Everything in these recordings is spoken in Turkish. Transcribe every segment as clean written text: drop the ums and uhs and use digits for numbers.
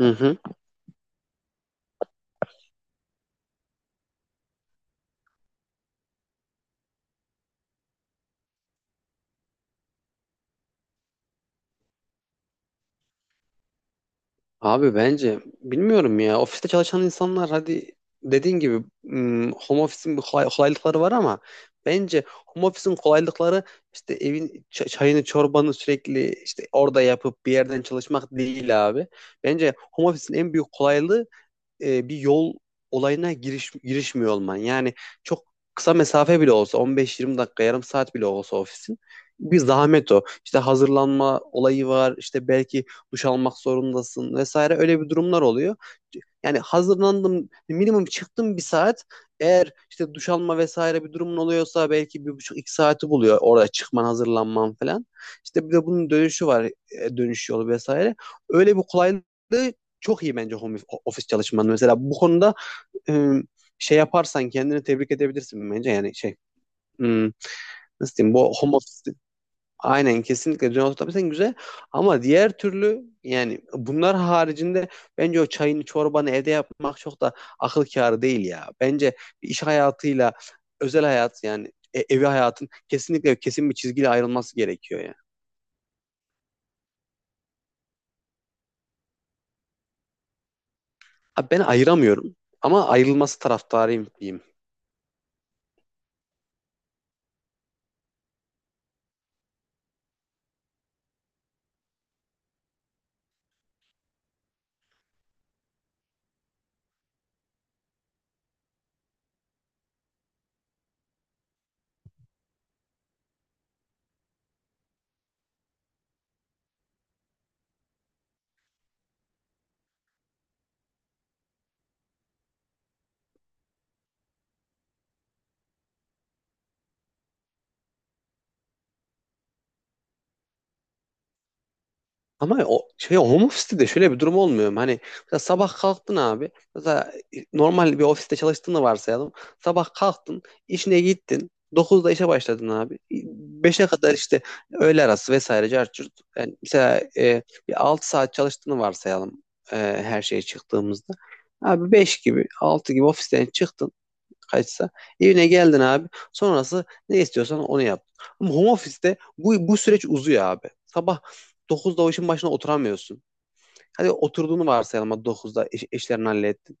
Hı hı. Abi bence bilmiyorum ya, ofiste çalışan insanlar hadi dediğin gibi home office'in kolaylıkları var ama bence home office'in kolaylıkları işte evin çayını çorbanı sürekli işte orada yapıp bir yerden çalışmak değil abi. Bence home office'in en büyük kolaylığı bir yol olayına girişmiyor olman. Yani çok kısa mesafe bile olsa 15-20 dakika yarım saat bile olsa ofisin bir zahmet o. İşte hazırlanma olayı var, işte belki duş almak zorundasın vesaire, öyle bir durumlar oluyor. Yani hazırlandım minimum çıktım bir saat, eğer işte duş alma vesaire bir durumun oluyorsa belki bir buçuk iki saati buluyor orada çıkman hazırlanman falan. İşte bir de bunun dönüşü var, dönüş yolu vesaire. Öyle bir kolaylığı çok iyi bence home office çalışman. Mesela bu konuda e, şey yaparsan kendini tebrik edebilirsin bence. Yani şey, hmm, nasıl diyeyim, bu home office aynen, kesinlikle düzen oturtabilirsen güzel. Ama diğer türlü, yani bunlar haricinde bence o çayını çorbanı evde yapmak çok da akıl kârı değil ya. Bence iş hayatıyla özel hayat, yani evi hayatın kesinlikle kesin bir çizgiyle ayrılması gerekiyor ya. Abi ben ayıramıyorum ama ayrılması taraftarıyım diyeyim. Ama o şey, home office'te de şöyle bir durum olmuyor mu? Hani mesela sabah kalktın abi. Mesela normal bir ofiste çalıştığını varsayalım. Sabah kalktın, işine gittin. Dokuzda işe başladın abi. Beşe kadar işte öğle arası vesaire cart curt. Yani mesela bir 6 saat çalıştığını varsayalım, e, her şeye çıktığımızda. Abi 5 gibi, 6 gibi ofisten çıktın kaçsa. Evine geldin abi. Sonrası ne istiyorsan onu yap. Ama home office'te bu süreç uzuyor abi. Sabah 9'da o işin başına oturamıyorsun. Hadi oturduğunu varsayalım, hadi dokuzda işlerini hallettin.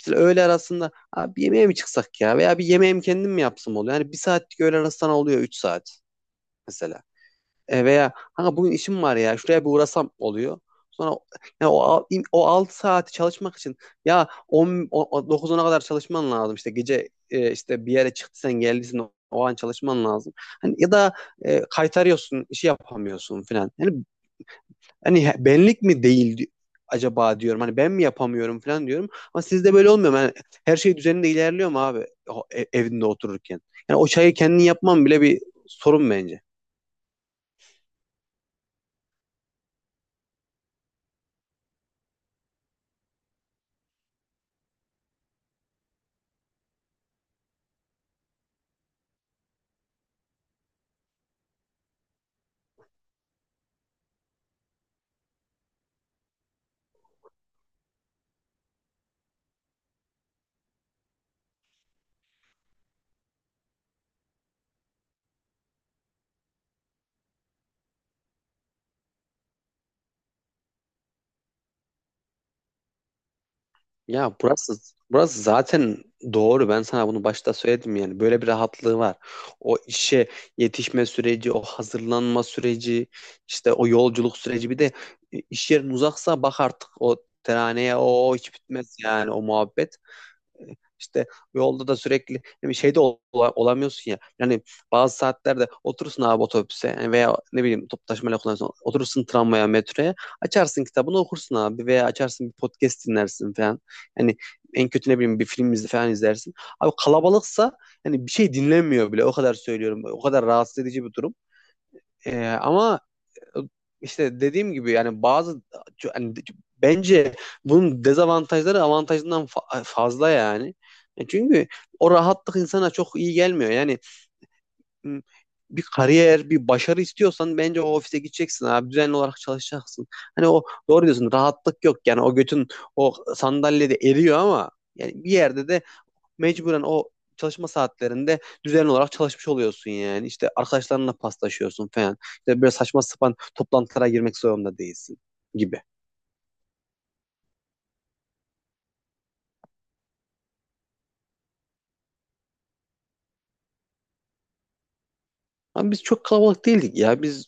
Mesela öğle arasında abi yemeğe mi çıksak ya, veya bir yemeğim kendim mi yapsam oluyor. Yani bir saatlik öğle arası sana oluyor 3 saat mesela. E, veya kanka bugün işim var ya, şuraya bir uğrasam oluyor. Sonra yani o 6 saati çalışmak için ya 10, o- o 9 kadar çalışman lazım. İşte gece işte bir yere çıktıysan geldiysen o an çalışman lazım. Hani ya da kaytarıyorsun, işi yapamıyorsun falan. Yani hani benlik mi değil acaba diyorum. Hani ben mi yapamıyorum falan diyorum. Ama sizde böyle olmuyor mu? Yani her şey düzeninde ilerliyor mu abi o evinde otururken? Yani o çayı kendin yapman bile bir sorun bence. Ya burası zaten doğru. Ben sana bunu başta söyledim yani. Böyle bir rahatlığı var. O işe yetişme süreci, o hazırlanma süreci, işte o yolculuk süreci, bir de iş yerin uzaksa bak, artık o teraneye o hiç bitmez yani o muhabbet. İşte yolda da sürekli bir şeyde olamıyorsun ya. Yani bazı saatlerde oturursun abi otobüse, yani veya ne bileyim toplu taşımayla kullanıyorsun. Oturursun tramvaya, metroya. Açarsın kitabını okursun abi, veya açarsın bir podcast dinlersin falan. Yani en kötü ne bileyim bir film izle falan izlersin. Abi kalabalıksa yani bir şey dinlenmiyor bile, o kadar söylüyorum. O kadar rahatsız edici bir durum. Ama işte dediğim gibi, yani bazı, yani bence bunun dezavantajları avantajından fazla yani. E çünkü o rahatlık insana çok iyi gelmiyor. Yani m, bir kariyer, bir başarı istiyorsan bence o ofise gideceksin abi. Düzenli olarak çalışacaksın. Hani, o doğru diyorsun, rahatlık yok, yani o götün o sandalyede eriyor ama yani bir yerde de mecburen o çalışma saatlerinde düzenli olarak çalışmış oluyorsun yani. İşte arkadaşlarınla paslaşıyorsun falan. İşte böyle saçma sapan toplantılara girmek zorunda değilsin gibi. Ama biz çok kalabalık değildik ya. Biz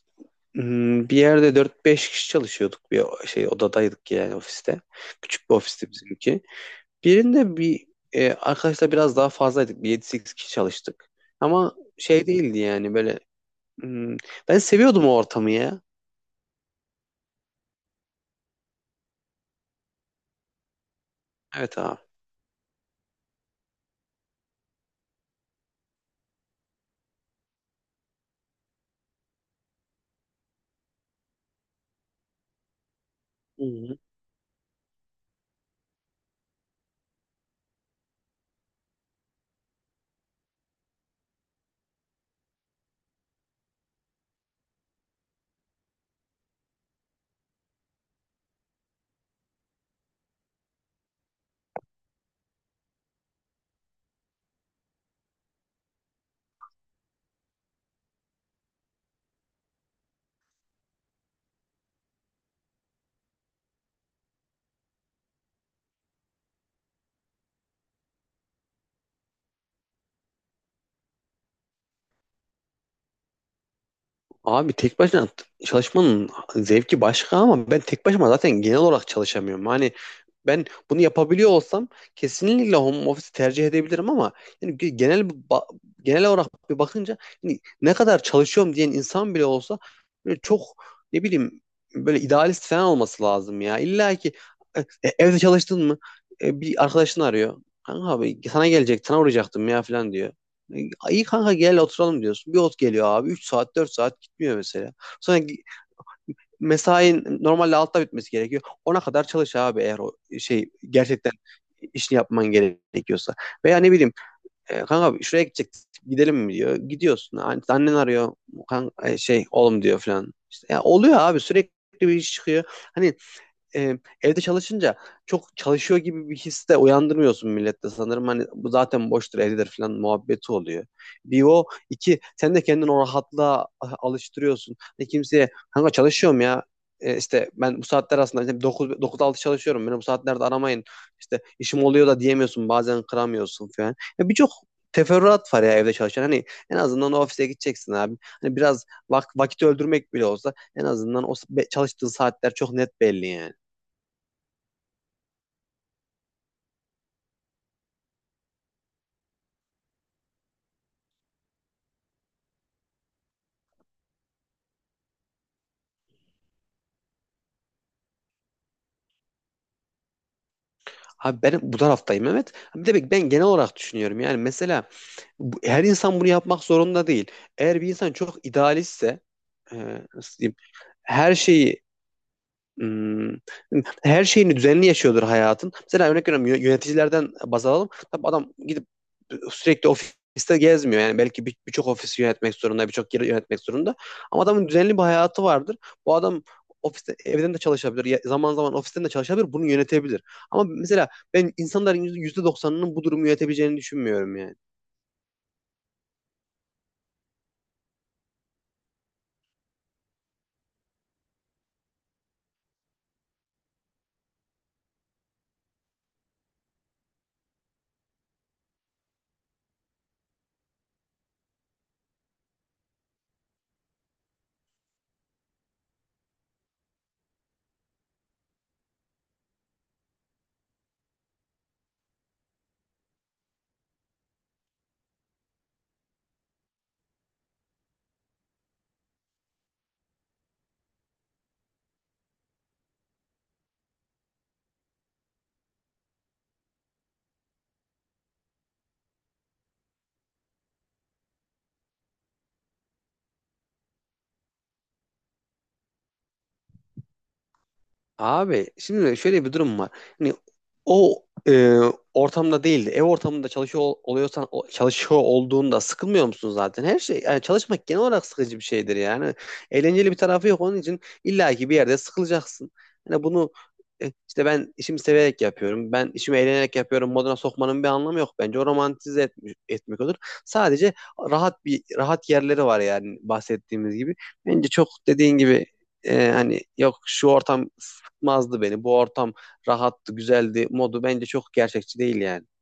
bir yerde dört beş kişi çalışıyorduk, bir şey odadaydık yani ofiste. Küçük bir ofisti bizimki. Birinde bir, arkadaşlar biraz daha fazlaydık. Bir yedi sekiz kişi çalıştık. Ama şey değildi yani, böyle hmm, ben seviyordum o ortamı ya. Evet abi. Hı hı. Abi tek başına çalışmanın zevki başka ama ben tek başıma zaten genel olarak çalışamıyorum. Hani ben bunu yapabiliyor olsam kesinlikle home office tercih edebilirim ama yani genel genel olarak bir bakınca, yani ne kadar çalışıyorum diyen insan bile olsa böyle çok, ne bileyim, böyle idealist falan olması lazım ya. İlla ki evde çalıştın mı bir arkadaşını arıyor. Kanka abi sana gelecek, sana uğrayacaktım ya falan diyor. E, İyi kanka gel oturalım diyorsun. Bir ot geliyor abi. Üç saat 4 saat gitmiyor mesela. Sonra mesain normalde altta bitmesi gerekiyor. Ona kadar çalış abi, eğer o şey gerçekten işini yapman gerekiyorsa. Veya ne bileyim kanka şuraya gidecek, gidelim mi diyor. Gidiyorsun. Annen arıyor. Şey oğlum diyor falan. İşte, ya oluyor abi, sürekli bir iş çıkıyor. Hani evde çalışınca çok çalışıyor gibi bir his de uyandırmıyorsun millette sanırım. Hani bu zaten boştur evdedir falan muhabbeti oluyor. Bir o iki sen de kendini o rahatlığa alıştırıyorsun. Ne kimseye kanka çalışıyorum ya, E, işte ben bu saatler aslında işte dokuz dokuz altı çalışıyorum. Beni bu saatlerde aramayın. İşte işim oluyor da diyemiyorsun. Bazen kıramıyorsun falan. Ya birçok teferruat var ya evde çalışan. Hani en azından o ofise gideceksin abi. Hani biraz vakit öldürmek bile olsa en azından çalıştığın saatler çok net belli yani. Abi ben bu taraftayım Mehmet. Bir de bak, ben genel olarak düşünüyorum. Yani mesela her insan bunu yapmak zorunda değil. Eğer bir insan çok idealistse, e, nasıl diyeyim, her şeyi, hmm, her şeyini düzenli yaşıyordur hayatın. Mesela örnek veriyorum, yöneticilerden baz alalım. Tabii adam gidip sürekli ofiste gezmiyor. Yani belki birçok ofisi yönetmek zorunda, birçok yeri yönetmek zorunda. Ama adamın düzenli bir hayatı vardır. Bu adam ofiste evden de çalışabilir. Zaman zaman ofisten de çalışabilir. Bunu yönetebilir. Ama mesela ben insanların %90'ının bu durumu yönetebileceğini düşünmüyorum yani. Abi şimdi şöyle bir durum var. Hani o ortamda değildi. Ev ortamında çalışıyor oluyorsan çalışıyor olduğunda sıkılmıyor musun zaten? Her şey, yani çalışmak genel olarak sıkıcı bir şeydir yani. Eğlenceli bir tarafı yok, onun için illaki bir yerde sıkılacaksın. Hani bunu işte, ben işimi severek yapıyorum. Ben işimi eğlenerek yapıyorum. Moduna sokmanın bir anlamı yok. Bence o romantize etmek olur. Sadece rahat yerleri var yani, bahsettiğimiz gibi. Bence çok dediğin gibi, hani yok şu ortam sıkmazdı beni. Bu ortam rahattı, güzeldi modu bence çok gerçekçi değil yani.